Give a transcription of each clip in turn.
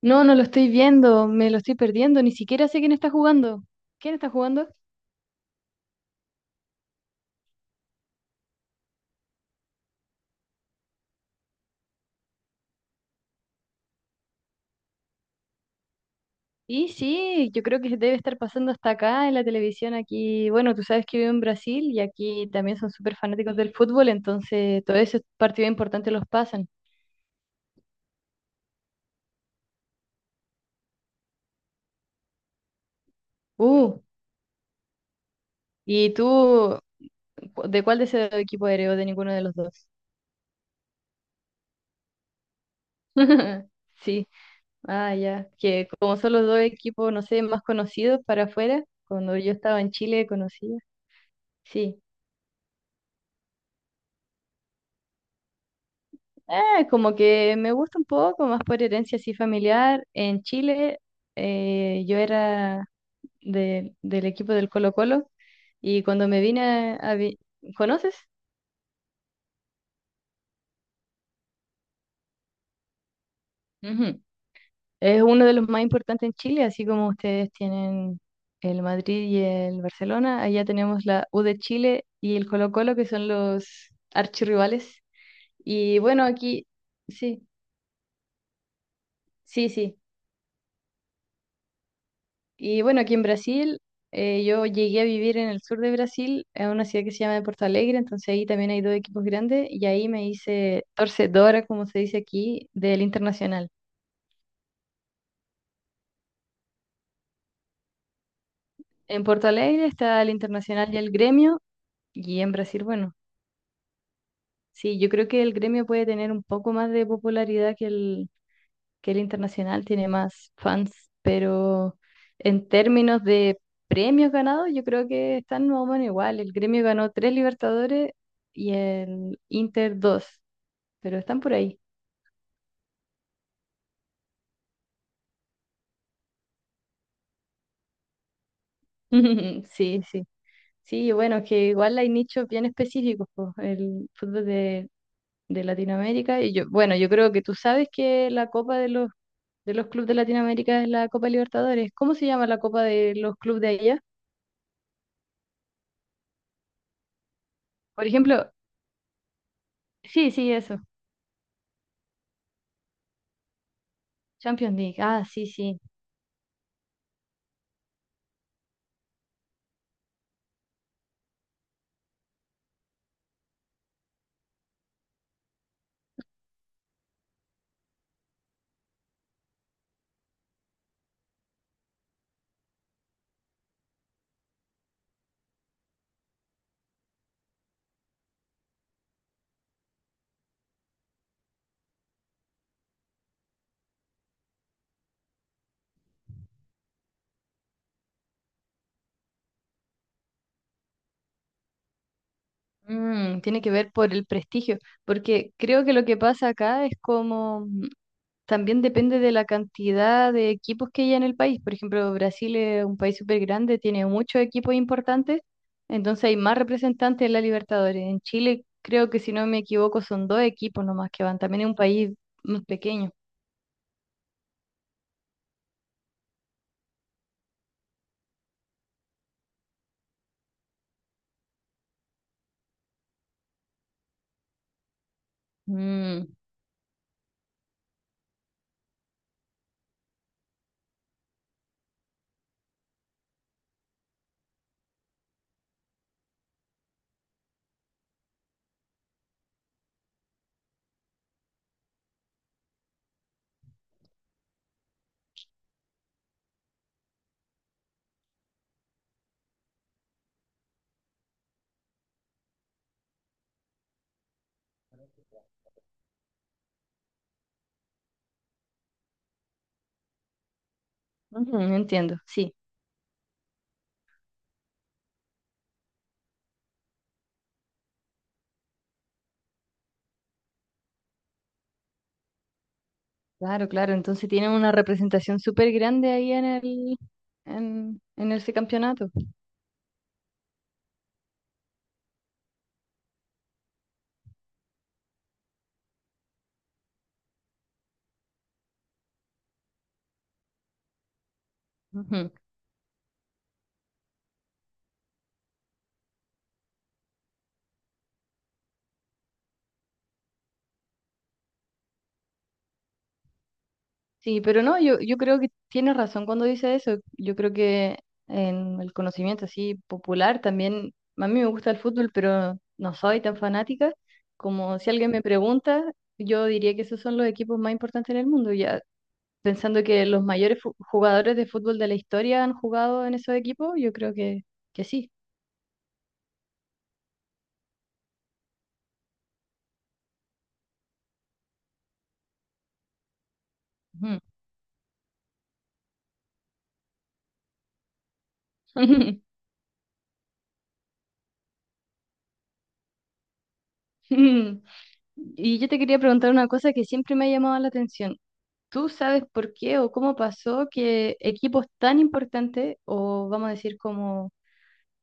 No, no lo estoy viendo, me lo estoy perdiendo, ni siquiera sé quién está jugando. ¿Quién está jugando? Y sí, yo creo que debe estar pasando hasta acá en la televisión aquí. Bueno, tú sabes que vivo en Brasil y aquí también son súper fanáticos del fútbol, entonces todos esos partidos importantes los pasan. Uh, ¿Y tú de cuál de ese equipo eres o de ninguno de los dos? Sí, ah, ya, que como son los dos equipos, no sé, más conocidos para afuera, cuando yo estaba en Chile conocía. Sí. Como que me gusta un poco, más por herencia así familiar. En Chile, yo era del equipo del Colo-Colo y cuando me vine a... a vi- ¿conoces? Ujú. Es uno de los más importantes en Chile, así como ustedes tienen el Madrid y el Barcelona, allá tenemos la U de Chile y el Colo-Colo que son los archirrivales. Y bueno, aquí sí, sí, sí. Y bueno, aquí en Brasil, yo llegué a vivir en el sur de Brasil, en una ciudad que se llama Porto Alegre, entonces ahí también hay dos equipos grandes y ahí me hice torcedora, como se dice aquí, del Internacional. En Porto Alegre está el Internacional y el Gremio, y en Brasil, bueno, sí, yo creo que el Gremio puede tener un poco más de popularidad que el internacional tiene más fans, pero en términos de premios ganados, yo creo que están más o menos igual. El Gremio ganó tres Libertadores y el Inter dos, pero están por ahí. Sí, sí. Sí, bueno, que igual hay nichos bien específicos, po, el fútbol de Latinoamérica. Y yo, bueno, yo creo que tú sabes que la Copa de los clubes de Latinoamérica es la Copa Libertadores. ¿Cómo se llama la Copa de los clubes de allá? Por ejemplo, sí, sí, eso. Champions League, ah, sí, sí. Tiene que ver por el prestigio, porque creo que lo que pasa acá es como, también depende de la cantidad de equipos que hay en el país. Por ejemplo, Brasil es un país súper grande, tiene muchos equipos importantes, entonces hay más representantes en la Libertadores. En Chile, creo que si no me equivoco, son dos equipos nomás que van, también es un país más pequeño. Mm, ujú, entiendo, sí, claro, claro. Entonces tienen una representación súper grande ahí en ese campeonato. Ujú. Sí, pero no, yo creo que tienes razón cuando dice eso. Yo creo que en el conocimiento así popular también, a mí me gusta el fútbol, pero no soy tan fanática. Como si alguien me pregunta, yo diría que esos son los equipos más importantes en el mundo. Ya pensando que los mayores jugadores de fútbol de la historia han jugado en esos equipos, yo creo que sí. Ujú. Y yo te quería preguntar una cosa que siempre me ha llamado la atención. ¿Tú sabes por qué o cómo pasó que equipos tan importantes, o vamos a decir como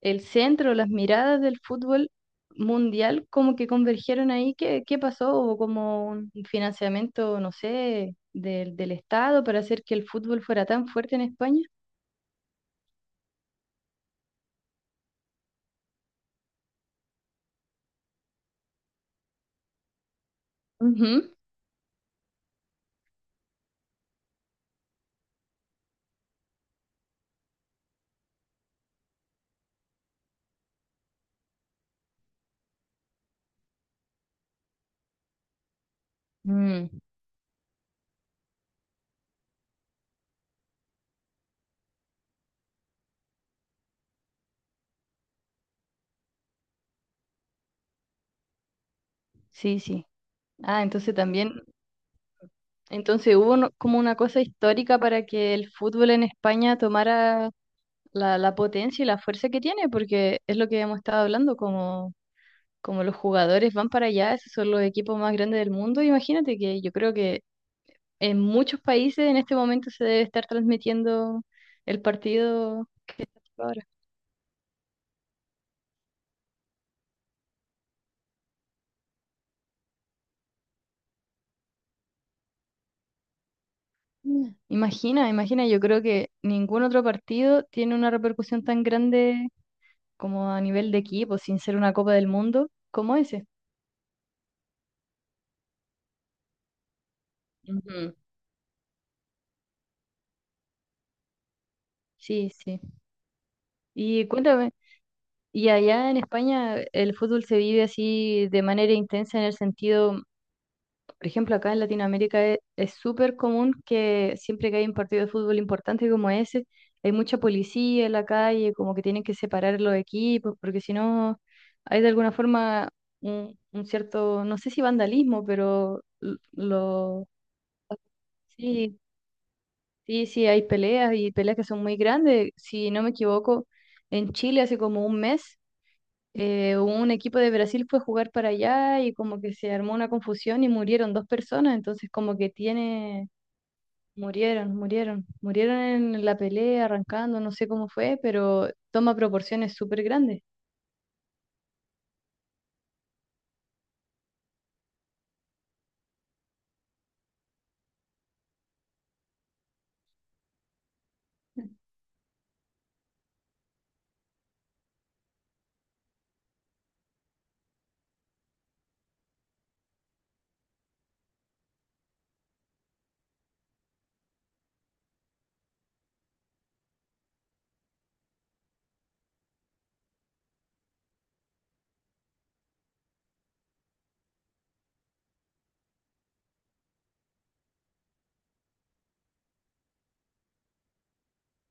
el centro, las miradas del fútbol mundial, como que convergieron ahí? ¿Qué pasó? ¿Hubo como un financiamiento, no sé, del Estado para hacer que el fútbol fuera tan fuerte en España? Ujú. Mm, sí, sí. Ah, entonces también, entonces hubo como una cosa histórica para que el fútbol en España tomara la, la potencia y la fuerza que tiene, porque es lo que hemos estado hablando, como, como los jugadores van para allá, esos son los equipos más grandes del mundo. Imagínate que yo creo que en muchos países en este momento se debe estar transmitiendo el partido que está ahora. Mm. Imagina, imagina, yo creo que ningún otro partido tiene una repercusión tan grande como a nivel de equipo, sin ser una Copa del Mundo, como ese. Ujú. Sí, sí. Y cuéntame. Y allá en España el fútbol se vive así de manera intensa en el sentido, por ejemplo, acá en Latinoamérica es súper común que siempre que hay un partido de fútbol importante como ese, hay mucha policía en la calle, como que tienen que separar los equipos, porque si no hay de alguna forma un cierto, no sé si vandalismo, pero lo. Sí, sí, sí, hay peleas y peleas que son muy grandes. Si no me equivoco, en Chile hace como un mes, un equipo de Brasil fue a jugar para allá y como que se armó una confusión y murieron dos personas, entonces como que tiene, murieron, murieron, murieron en la pelea, arrancando, no sé cómo fue, pero toma proporciones súper grandes.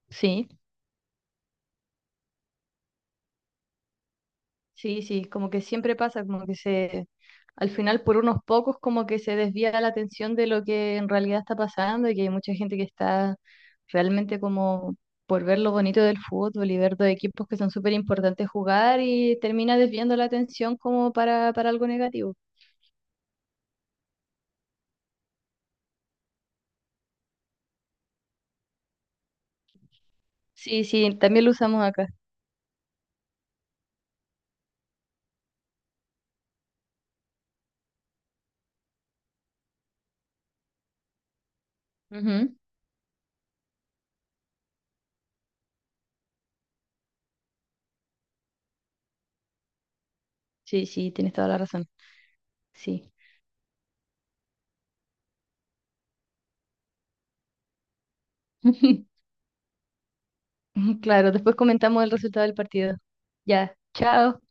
Sí. Sí, sí, como que siempre pasa, como que se, al final por unos pocos como que se desvía la atención de lo que en realidad está pasando y que hay mucha gente que está realmente como por ver lo bonito del fútbol y ver dos equipos que son súper importantes jugar y termina desviando la atención como para algo negativo. Sí, sí, también lo usamos acá. Ujú. Sí, sí, tienes toda la razón. Sí. Claro, después comentamos el resultado del partido. Ya, chao.